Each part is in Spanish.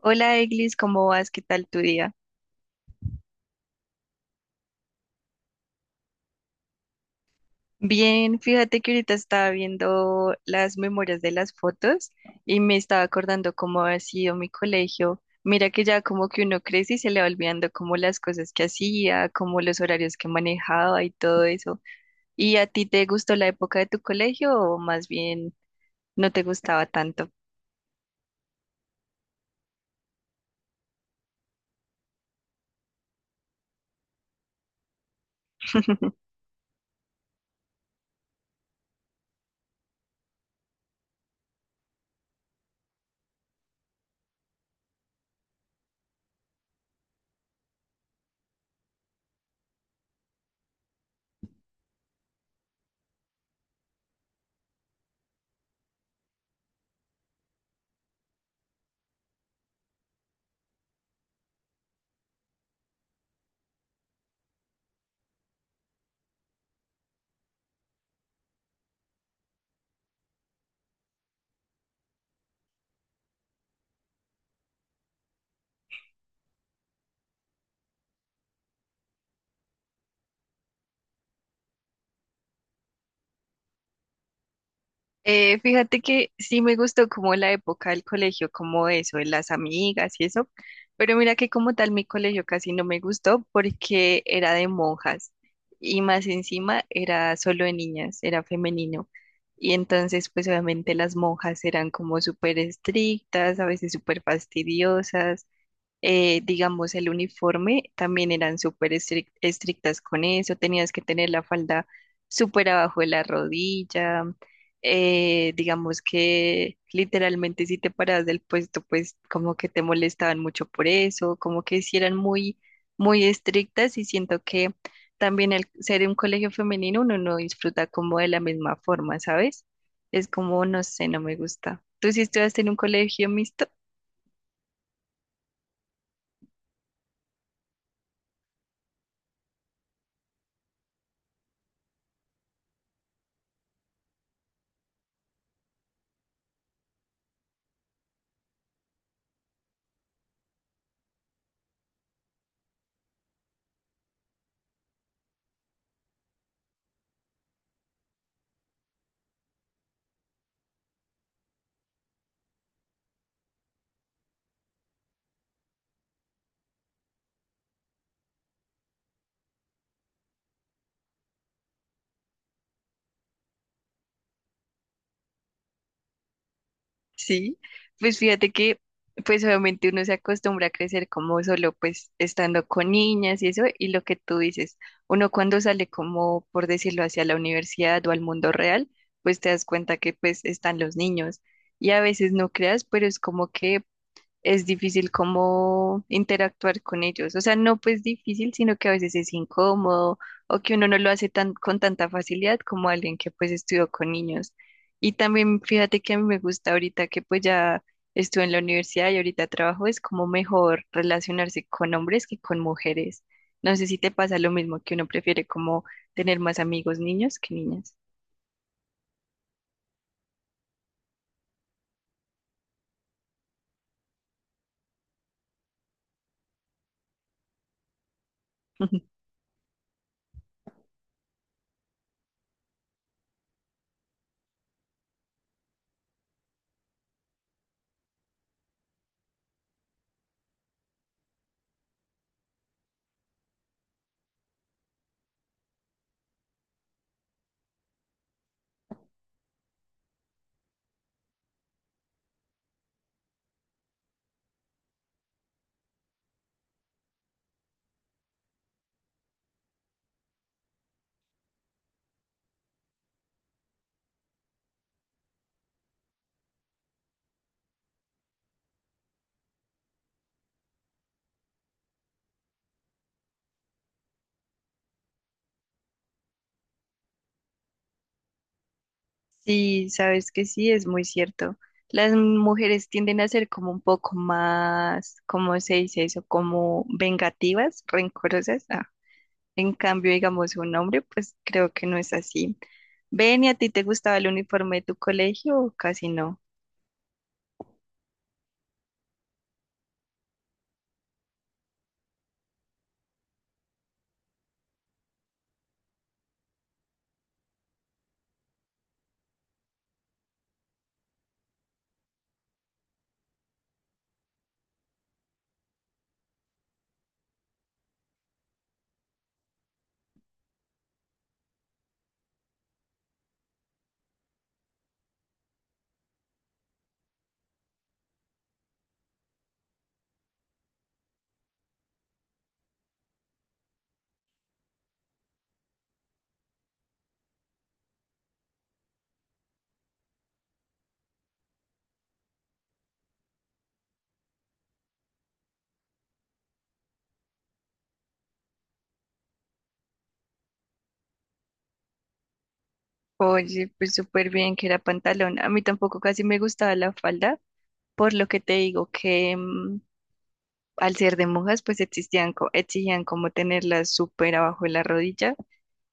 Hola Eglis, ¿cómo vas? ¿Qué tal tu día? Bien, fíjate que ahorita estaba viendo las memorias de las fotos y me estaba acordando cómo ha sido mi colegio. Mira que ya como que uno crece y se le va olvidando como las cosas que hacía, como los horarios que manejaba y todo eso. ¿Y a ti te gustó la época de tu colegio o más bien no te gustaba tanto? Fíjate que sí me gustó como la época del colegio, como eso, de las amigas y eso, pero mira que como tal mi colegio casi no me gustó porque era de monjas y más encima era solo de niñas, era femenino. Y entonces pues obviamente las monjas eran como súper estrictas, a veces súper fastidiosas, digamos, el uniforme, también eran estrictas con eso, tenías que tener la falda súper abajo de la rodilla, digamos que literalmente si te parabas del puesto, pues como que te molestaban mucho por eso, como que sí eran muy estrictas y siento que también al ser un colegio femenino uno no disfruta como de la misma forma, ¿sabes? Es como, no sé, no me gusta. ¿Tú sí estudiaste en un colegio mixto? Sí, pues fíjate que pues obviamente uno se acostumbra a crecer como solo pues estando con niñas y eso, y lo que tú dices, uno cuando sale como por decirlo hacia la universidad o al mundo real, pues te das cuenta que pues están los niños y a veces no creas, pero es como que es difícil como interactuar con ellos. O sea, no pues difícil, sino que a veces es incómodo o que uno no lo hace tan, con tanta facilidad como alguien que pues estudió con niños. Y también fíjate que a mí me gusta ahorita que pues ya estuve en la universidad y ahorita trabajo, es como mejor relacionarse con hombres que con mujeres. No sé si te pasa lo mismo, que uno prefiere como tener más amigos niños que niñas. Sí, sabes que sí, es muy cierto. Las mujeres tienden a ser como un poco más, ¿cómo se dice eso? Como vengativas, rencorosas. Ah, en cambio, digamos, un hombre, pues creo que no es así. Ven, ¿y a ti te gustaba el uniforme de tu colegio o casi no? Oye, pues súper bien que era pantalón. A mí tampoco casi me gustaba la falda, por lo que te digo que al ser de monjas, pues existían, exigían como tenerla súper abajo de la rodilla.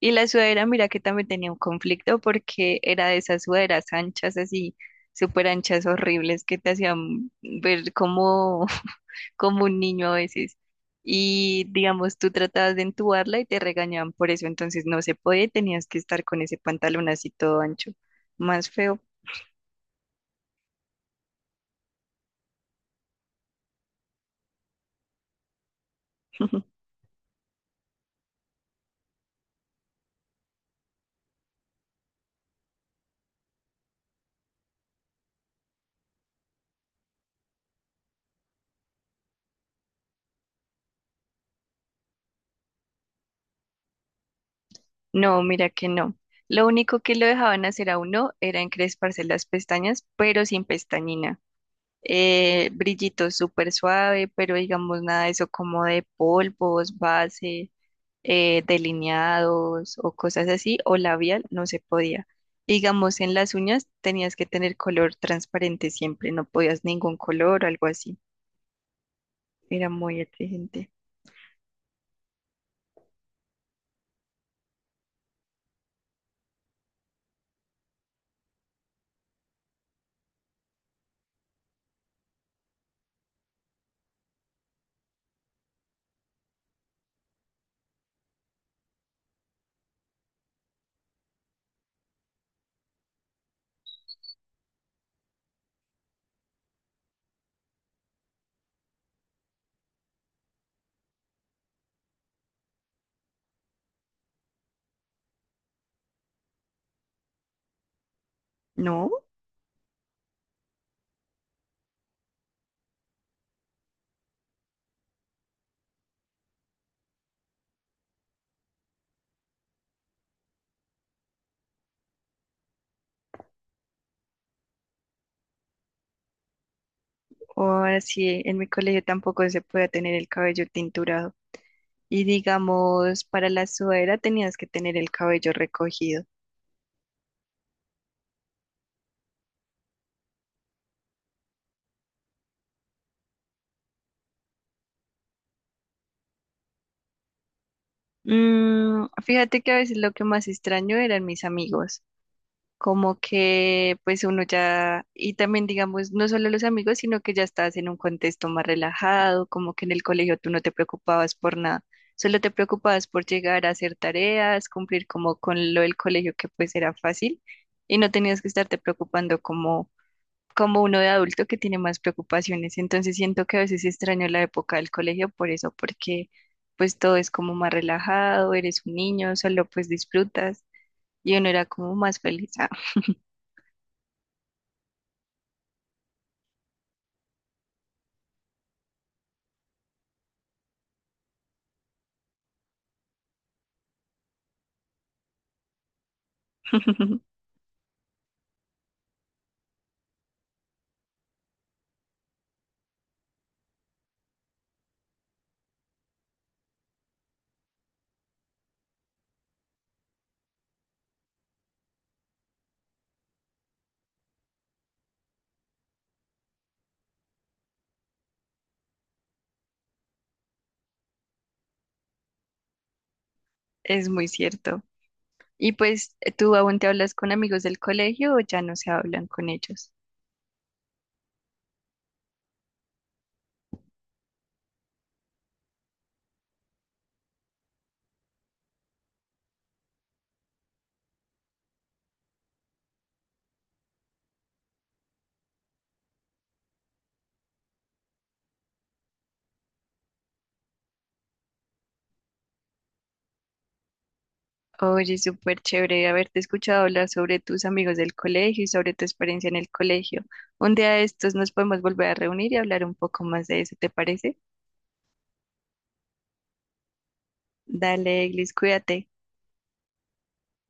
Y la sudadera, mira que también tenía un conflicto porque era de esas sudaderas anchas, así, súper anchas, horribles, que te hacían ver como, como un niño a veces. Y digamos, tú tratabas de entubarla y te regañaban por eso, entonces no se podía y tenías que estar con ese pantalón así todo ancho, más feo. No, mira que no. Lo único que lo dejaban hacer a uno era encresparse las pestañas, pero sin pestañina. Brillito súper suave, pero digamos nada de eso como de polvos, base, delineados o cosas así, o labial, no se podía. Digamos, en las uñas tenías que tener color transparente siempre, no podías ningún color o algo así. Era muy exigente. No, o así en mi colegio tampoco se podía tener el cabello tinturado. Y digamos, para la sudadera tenías que tener el cabello recogido. Mm, fíjate que a veces lo que más extraño eran mis amigos, como que pues uno ya, y también digamos, no solo los amigos, sino que ya estás en un contexto más relajado, como que en el colegio tú no te preocupabas por nada, solo te preocupabas por llegar a hacer tareas, cumplir como con lo del colegio que pues era fácil y no tenías que estarte preocupando como como uno de adulto que tiene más preocupaciones. Entonces siento que a veces extraño la época del colegio por eso, porque pues todo es como más relajado, eres un niño, solo pues disfrutas y uno era como más feliz. Ah, es muy cierto. Y pues, ¿tú aún te hablas con amigos del colegio o ya no se hablan con ellos? Oye, súper chévere haberte escuchado hablar sobre tus amigos del colegio y sobre tu experiencia en el colegio. Un día de estos nos podemos volver a reunir y hablar un poco más de eso, ¿te parece? Dale, Eglis, cuídate.